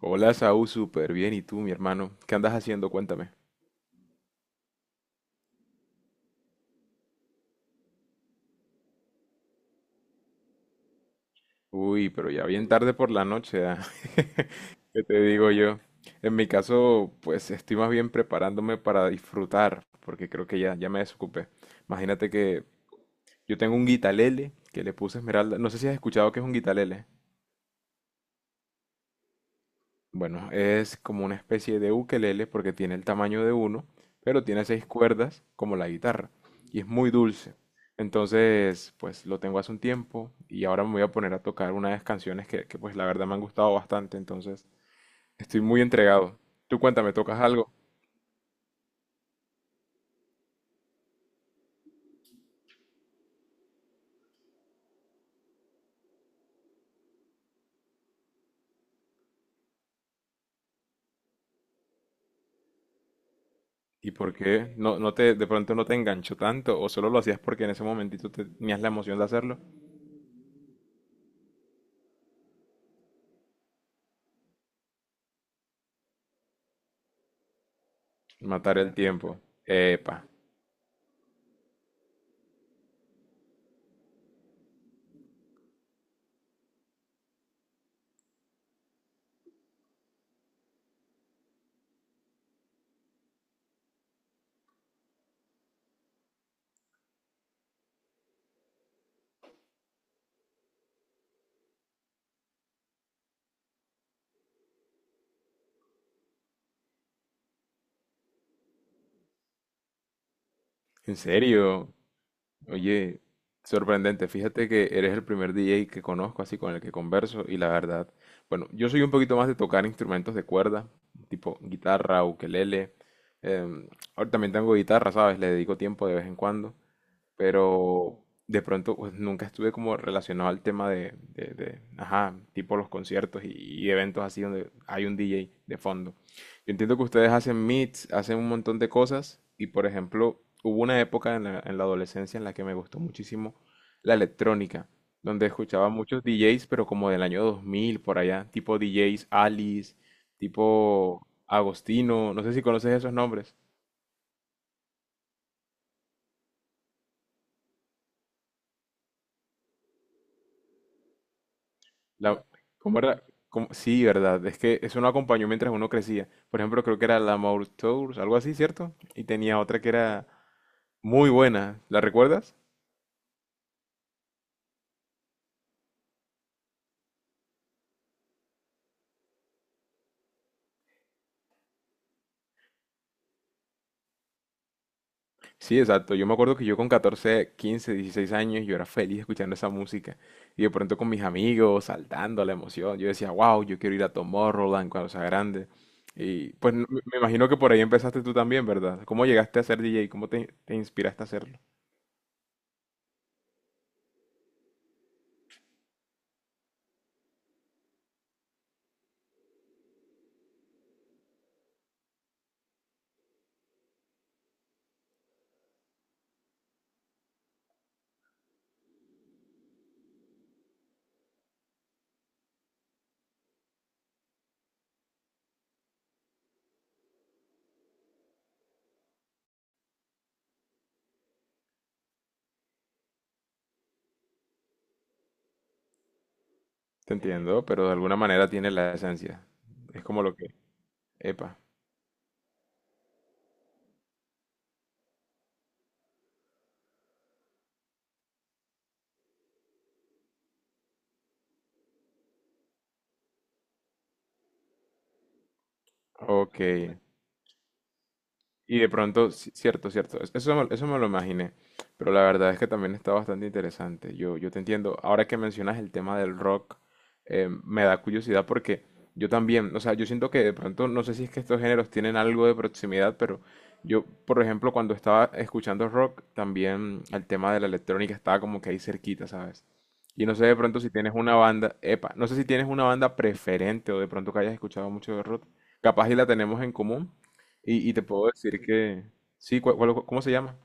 Hola, Saúl, súper bien. ¿Y tú, mi hermano? ¿Qué andas haciendo? Cuéntame. Uy, pero ya bien tarde por la noche, ah. ¿Qué te digo yo? En mi caso, pues estoy más bien preparándome para disfrutar, porque creo que ya me desocupé. Imagínate que yo tengo un guitalele que le puse esmeralda. No sé si has escuchado que es un guitalele. Bueno, es como una especie de ukelele porque tiene el tamaño de uno, pero tiene seis cuerdas como la guitarra y es muy dulce. Entonces, pues lo tengo hace un tiempo y ahora me voy a poner a tocar unas canciones pues la verdad me han gustado bastante. Entonces estoy muy entregado. Tú cuéntame, ¿tocas algo? ¿Y por qué? De pronto no te enganchó tanto o solo lo hacías porque en ese momentito tenías la emoción de hacerlo? Matar el tiempo. Epa, ¿en serio? Oye, sorprendente. Fíjate que eres el primer DJ que conozco, así con el que converso, y la verdad, bueno, yo soy un poquito más de tocar instrumentos de cuerda, tipo guitarra, ukelele. em, Ahora también tengo guitarra, ¿sabes? Le dedico tiempo de vez en cuando, pero de pronto pues, nunca estuve como relacionado al tema ajá, tipo los conciertos y eventos así donde hay un DJ de fondo. Yo entiendo que ustedes hacen meets, hacen un montón de cosas y por ejemplo hubo una época en la adolescencia en la que me gustó muchísimo la electrónica, donde escuchaba muchos DJs, pero como del año 2000 por allá, tipo DJs Alice, tipo Agostino, no sé si conoces esos nombres. La, ¿cómo era? ¿Cómo? Sí, verdad. Es que eso no acompañó mientras uno crecía. Por ejemplo, creo que era la Tours, algo así, ¿cierto? Y tenía otra que era muy buena. ¿La recuerdas? Sí, exacto. Yo me acuerdo que yo con 14 15 16 años, yo era feliz escuchando esa música. Y de pronto con mis amigos, saltando a la emoción. Yo decía, wow, yo quiero ir a Tomorrowland cuando sea grande. Y pues me imagino que por ahí empezaste tú también, ¿verdad? ¿Cómo llegaste a ser DJ? ¿Cómo te, te inspiraste a hacerlo? Te entiendo, pero de alguna manera tiene la esencia. Es como lo que... Epa. Ok. Y de pronto, cierto, cierto, eso, eso me lo imaginé, pero la verdad es que también está bastante interesante. Yo te entiendo, ahora que mencionas el tema del rock. Me da curiosidad porque yo también, o sea, yo siento que de pronto, no sé si es que estos géneros tienen algo de proximidad, pero yo, por ejemplo, cuando estaba escuchando rock, también el tema de la electrónica estaba como que ahí cerquita, ¿sabes? Y no sé de pronto si tienes una banda, epa, no sé si tienes una banda preferente o de pronto que hayas escuchado mucho de rock, capaz y la tenemos en común. Y te puedo decir que. Sí, ¿cómo se llama?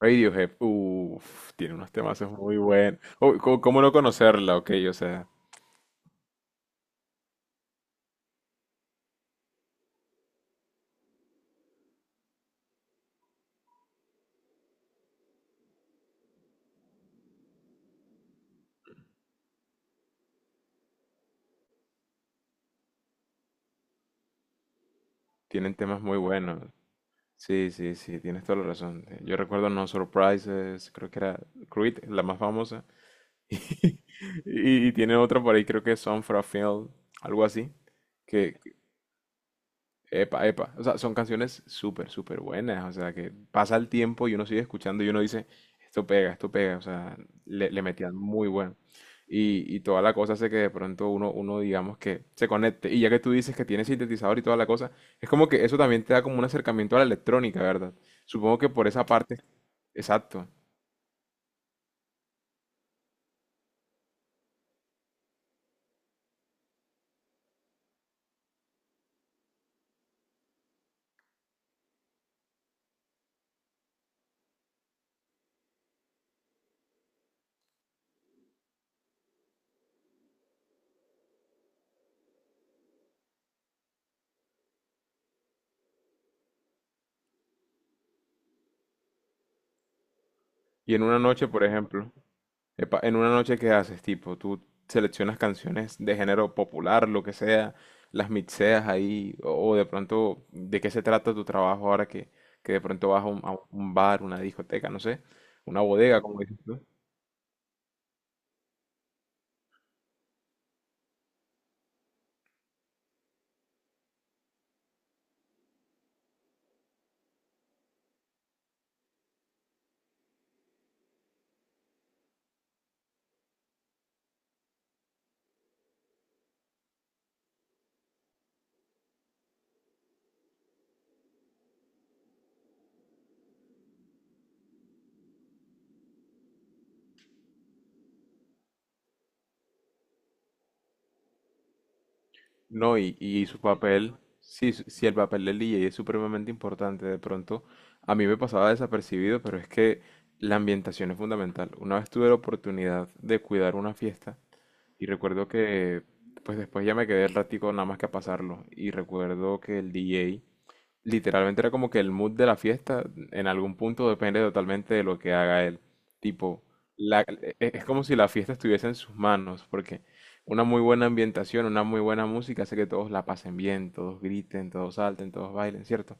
Radiohead. Uf, tiene unos temazos muy buenos. Oh, ¿cómo, cómo no conocerla? Ok, o sea, tienen temas muy buenos. Sí, sí, sí, tienes toda la razón. Yo recuerdo No Surprises. Creo que era Creed, la más famosa. Y, y tiene otra por ahí, creo que es Song for a Field, algo así. Que, epa, epa. O sea, son canciones súper, súper buenas. O sea, que pasa el tiempo y uno sigue escuchando y uno dice, esto pega, esto pega. O sea, le metían muy bueno. Y toda la cosa hace que de pronto digamos que se conecte. Y ya que tú dices que tiene sintetizador y toda la cosa, es como que eso también te da como un acercamiento a la electrónica, ¿verdad? Supongo que por esa parte, exacto. Y en una noche, por ejemplo. Epa, en una noche, ¿qué haces? Tipo, tú seleccionas canciones de género popular, lo que sea, las mixeas ahí. O, o de pronto, ¿de qué se trata tu trabajo ahora que de pronto vas a a un bar, una discoteca, no sé, una bodega, como dices tú? No, y su papel, sí, sí, el papel del DJ es supremamente importante. De pronto, a mí me pasaba desapercibido, pero es que la ambientación es fundamental. Una vez tuve la oportunidad de cuidar una fiesta. Y recuerdo que, pues después ya me quedé el ratico nada más que a pasarlo. Y recuerdo que el DJ literalmente era como que el mood de la fiesta en algún punto depende totalmente de lo que haga él. Tipo, es como si la fiesta estuviese en sus manos, porque una muy buena ambientación, una muy buena música hace que todos la pasen bien, todos griten, todos salten, todos bailen, ¿cierto?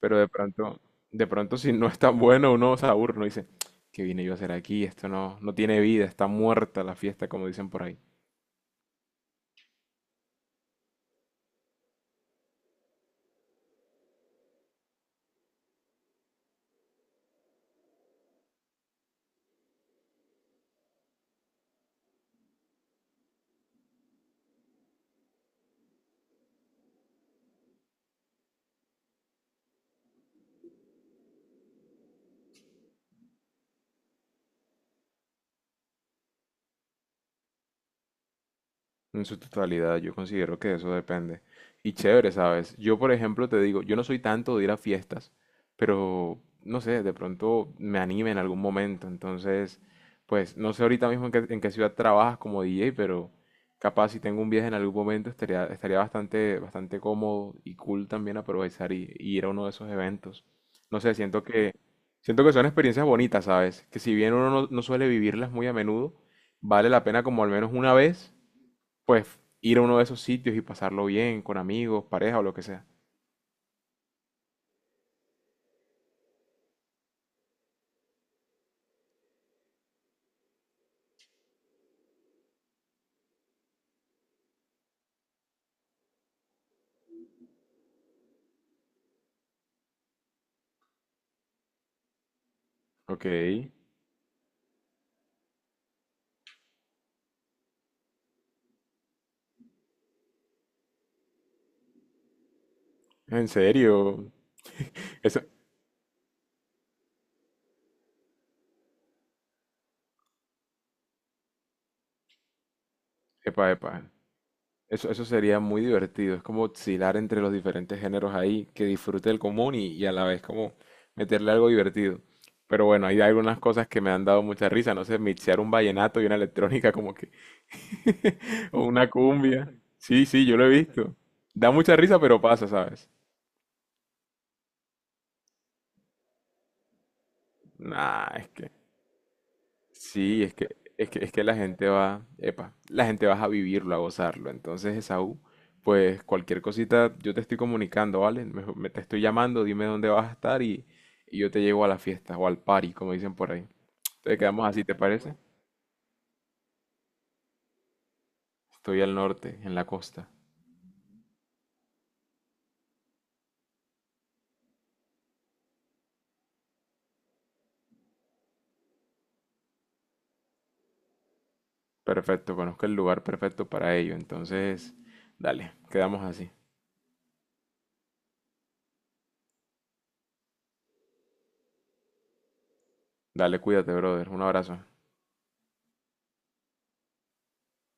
Pero de pronto si no es tan bueno uno se aburre, uno dice, ¿qué vine yo a hacer aquí? Esto no, no tiene vida, está muerta la fiesta, como dicen por ahí. En su totalidad, yo considero que eso depende. Y chévere, ¿sabes? Yo, por ejemplo, te digo, yo no soy tanto de ir a fiestas, pero no sé, de pronto me anime en algún momento. Entonces, pues no sé ahorita mismo en qué ciudad trabajas como DJ, pero capaz si tengo un viaje en algún momento estaría, estaría bastante, bastante cómodo y cool también aprovechar y ir a uno de esos eventos. No sé, siento que son experiencias bonitas, ¿sabes? Que si bien uno no suele vivirlas muy a menudo, vale la pena como al menos una vez pues ir a uno de esos sitios y pasarlo bien con amigos, pareja o lo que sea. Ok, en serio. Eso, epa, epa. Eso sería muy divertido. Es como oscilar entre los diferentes géneros ahí, que disfrute el común y a la vez como meterle algo divertido. Pero bueno, hay algunas cosas que me han dado mucha risa. No sé, mixear un vallenato y una electrónica como que, o una cumbia. Sí, sí, yo lo he visto. Da mucha risa, pero pasa, ¿sabes? Nah, es que sí, es que la gente va, epa, la gente va a vivirlo, a gozarlo. Entonces, Esaú, pues cualquier cosita yo te estoy comunicando, ¿vale? Te estoy llamando, dime dónde vas a estar y yo te llevo a la fiesta o al party, como dicen por ahí. Entonces quedamos así, ¿te parece? Estoy al norte, en la costa. Perfecto, conozco el lugar perfecto para ello. Entonces, dale, quedamos así. Dale, cuídate, brother. Un abrazo.